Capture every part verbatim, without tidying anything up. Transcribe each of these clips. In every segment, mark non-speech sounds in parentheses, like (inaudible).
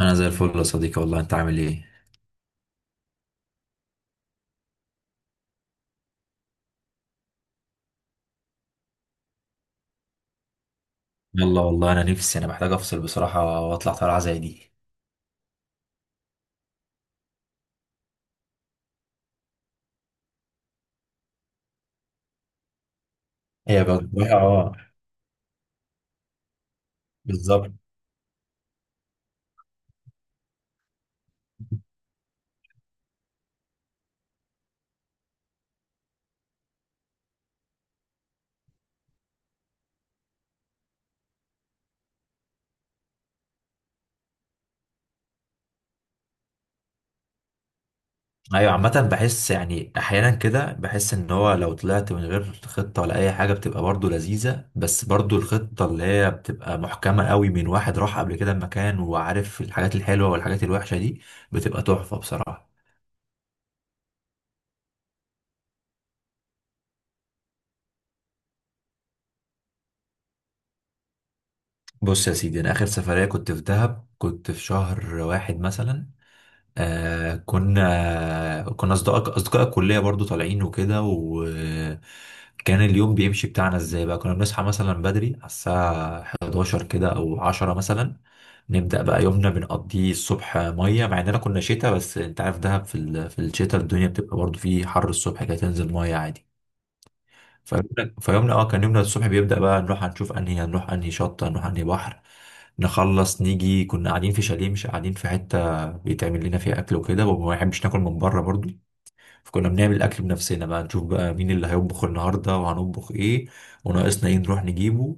انا زي الفل يا صديقي والله. انت عامل ايه؟ يلا والله انا نفسي، انا محتاج افصل بصراحه واطلع طلعه زي دي. هي بقى اه، بالظبط. ايوه عامه بحس يعني احيانا كده بحس ان هو لو طلعت من غير خطه ولا اي حاجه بتبقى برضو لذيذه، بس برضو الخطه اللي هي بتبقى محكمه قوي من واحد راح قبل كده مكان وعارف الحاجات الحلوه والحاجات الوحشه دي بتبقى تحفه بصراحه. بص يا سيدي، انا اخر سفريه كنت في دهب، كنت في شهر واحد مثلا. آه كنا كنا أصدقاء أصدقاء الكلية برضو طالعين وكده، وكان اليوم بيمشي بتاعنا إزاي بقى. كنا بنصحى مثلا بدري على الساعة احداشر كده أو عشره مثلا، نبدأ بقى يومنا بنقضيه الصبح مية، مع إننا كنا شتاء بس أنت عارف دهب في ال... في الشتاء الدنيا بتبقى برضو فيه حر الصبح كده، تنزل مية عادي. فيومنا فيومنا اه كان يومنا الصبح بيبدأ بقى نروح هنشوف انهي، هنروح انهي شط، هنروح انهي بحر. نخلص نيجي، كنا قاعدين في شاليه، مش قاعدين في حتة بيتعمل لنا فيها أكل وكده، وما بنحبش ناكل من بره برضو. فكنا بنعمل الأكل بنفسنا، بقى نشوف بقى مين اللي هيطبخ النهاردة وهنطبخ إيه، وناقصنا إيه نروح نجيبه.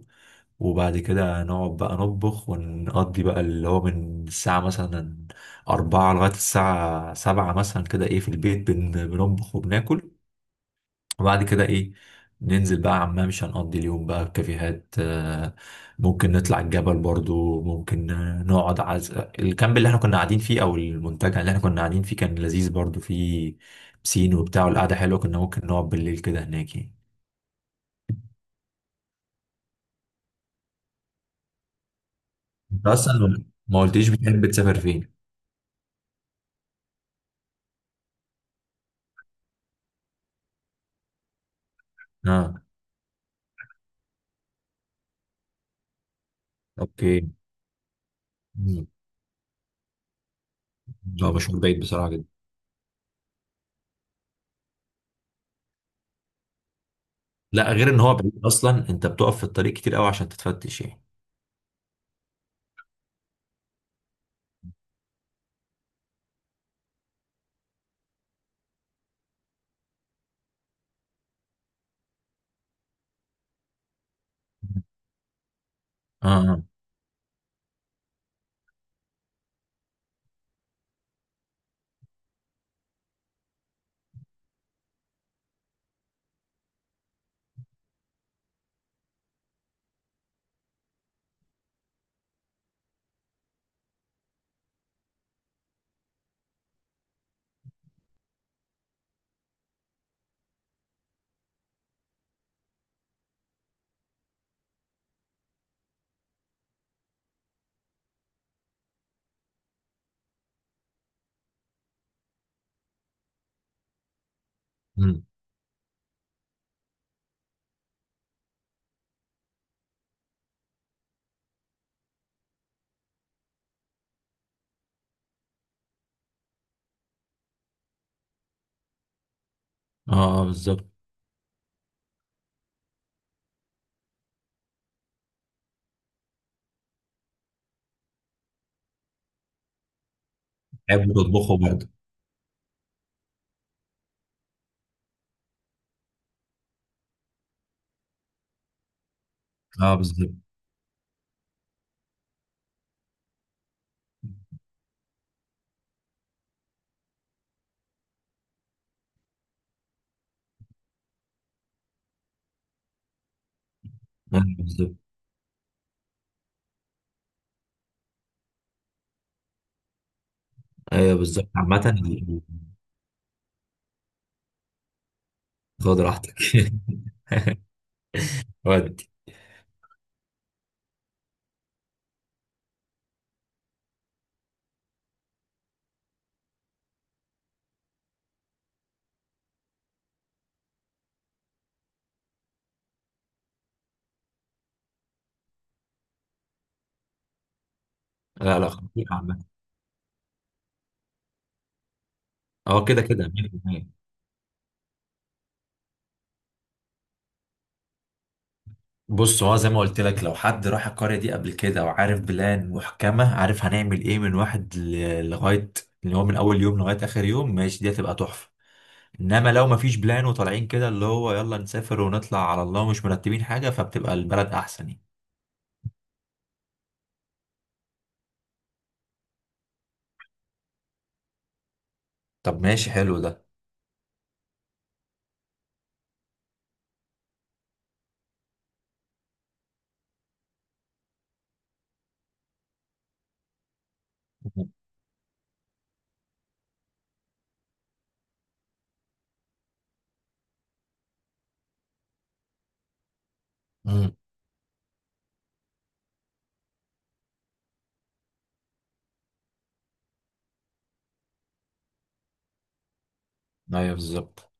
وبعد كده نقعد بقى نطبخ ونقضي بقى اللي هو من الساعة مثلا أربعة لغاية الساعة سبعة مثلا كده، إيه، في البيت بن- بنطبخ وبناكل. وبعد كده ايه، ننزل بقى عمان، مش هنقضي اليوم بقى في كافيهات، آه، ممكن نطلع الجبل برضو، ممكن آه، نقعد عز... الكامب اللي احنا كنا قاعدين فيه او المنتجع اللي احنا كنا قاعدين فيه كان لذيذ برضو، فيه بسين وبتاع، والقعدة حلوة، كنا ممكن نقعد بالليل كده هناك يعني. انت اصلا ما قلتليش بتحب تسافر فين. اه، اوكي. مم. لا، مشوار بعيد بصراحة جدا. لا، غير ان هو بعيد اصلا انت بتقف في الطريق كتير قوي عشان تتفتش يعني. اه، اه. مم. اه. آه، بالظبط. بحب تطبخه برضه. اه، بالظبط. ايوه بالظبط. ايوه بالظبط عامة. خد راحتك. (laughs) ودي. لا لا، خطير عامة. هو كده كده ميه في الميه. بص، هو زي ما قلت لك، لو حد راح القرية دي قبل كده وعارف بلان محكمة، عارف هنعمل ايه من واحد ل- لغاية اللي هو من اول يوم لغاية اخر يوم ماشي، دي هتبقى تحفة. انما لو مفيش بلان وطالعين كده اللي هو يلا نسافر ونطلع على الله ومش مرتبين حاجة، فبتبقى البلد احسن يعني. طب ماشي، حلو ده. مم. ايوه بالظبط.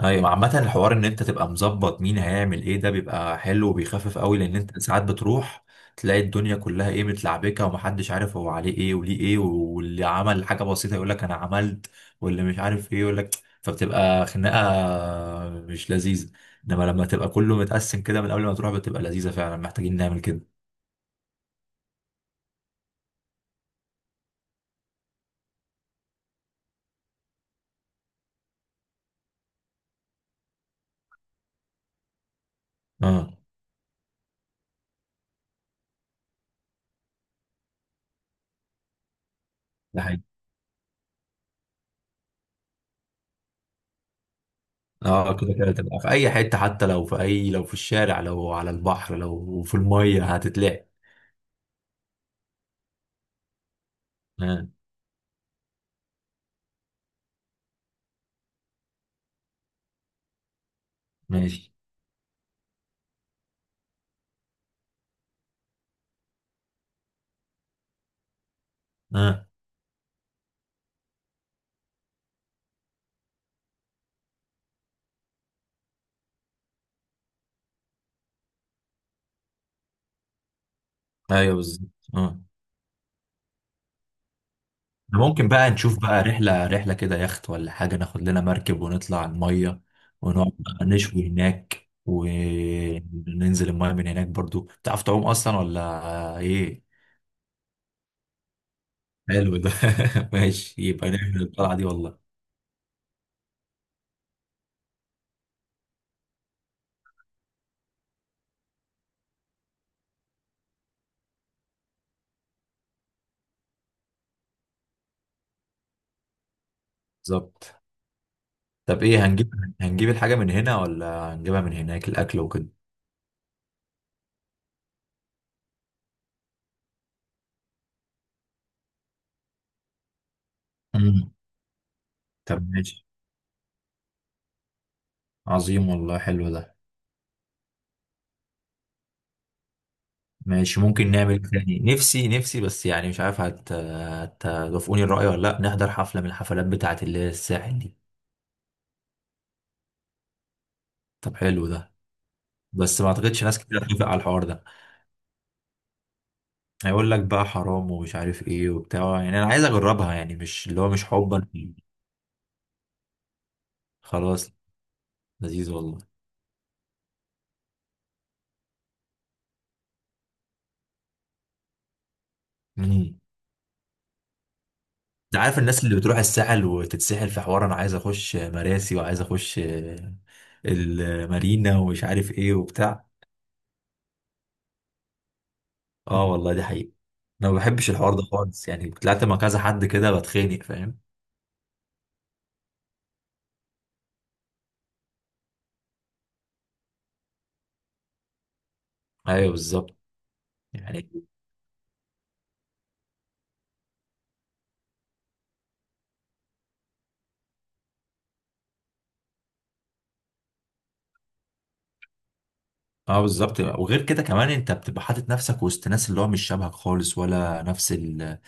ايوه عامة، الحوار ان انت تبقى مظبط مين هيعمل ايه، ده بيبقى حلو وبيخفف قوي، لان انت ساعات بتروح تلاقي الدنيا كلها ايه، متلعبكه ومحدش عارف هو عليه ايه وليه ايه، واللي عمل حاجة بسيطة يقول لك انا عملت، واللي مش عارف ايه يقول لك، فبتبقى خناقة مش لذيذة. انما لما تبقى كله متقسم كده من قبل ما تروح بتبقى لذيذة فعلا، محتاجين نعمل كده. اه، ده حقيقي. اه، كده كده تبقى في اي حتة، حتى لو في اي، لو في الشارع، لو على البحر، لو في المية هتتلاقي. اه، ماشي. اه. ايوه بالظبط. اه، ده ممكن بقى نشوف بقى رحله رحله كده، يخت ولا حاجه، ناخد لنا مركب ونطلع على الميه، ونقعد بقى نشوي هناك، وننزل الميه من هناك برضو. تعرف تعوم اصلا ولا ايه؟ حلو ده. (laughs) ماشي، يبقى نعمل الطلعه دي والله. بالظبط. طب ايه هنجيب؟ هنجيب الحاجه من هنا ولا هنجيبها من هناك، الاكل وكده؟ امم. طب ماشي. عظيم والله، حلو ده. ماشي، ممكن نعمل تاني، نفسي نفسي بس يعني مش عارف هت هتوافقوني الرأي ولا لا، نحضر حفلة من الحفلات بتاعة اللي هي الساحل دي. طب حلو ده. بس ما اعتقدش ناس كتير هتوافق على الحوار ده. هيقول لك بقى حرام ومش عارف ايه وبتاع، يعني انا عايز اجربها يعني مش اللي هو مش حبا فيه. خلاص. لذيذ والله. امم. انت عارف الناس اللي بتروح الساحل وتتسحل في حوار انا عايز اخش مراسي وعايز اخش المارينا ومش عارف ايه وبتاع. اه والله، دي حقيقة. انا ما بحبش الحوار ده خالص، يعني طلعت مع كذا حد كده بتخانق فاهم. ايوه بالظبط يعني. اه بالظبط، وغير كده كمان انت بتبقى حاطط نفسك وسط ناس اللي هو مش شبهك خالص، ولا نفس ال،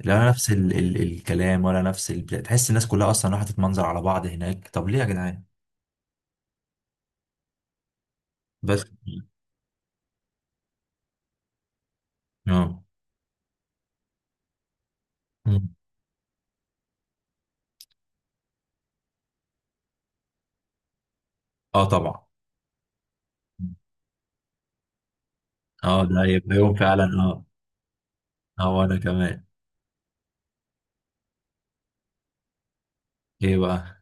لا نفس ال... ال... الكلام، ولا نفس ال... تحس الناس كلها اصلا راحت تتمنظر على بعض هناك، طب ليه يا جدعان؟ بس. اه. مم. اه طبعا. اه، ده يبقى يوم فعلا، اه. اه وانا كمان. ايه بقى؟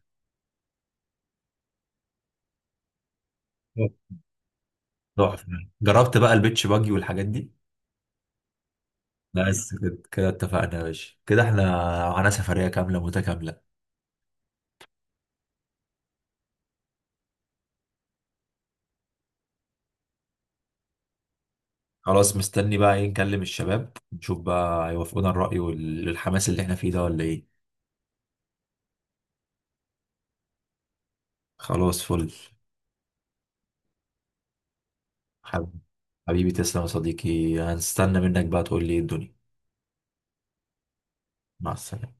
تحفة. جربت بقى البيتش باجي والحاجات دي؟ بس كده كده اتفقنا يا باشا، كده احنا معانا سفرية كاملة متكاملة. خلاص، مستني بقى ايه، نكلم الشباب نشوف بقى هيوافقونا الرأي والحماس اللي احنا فيه ده ولا ايه. خلاص فل. حب- حبيبي، تسلم يا صديقي، هنستنى منك بقى تقول لي ايه الدنيا. مع السلامة.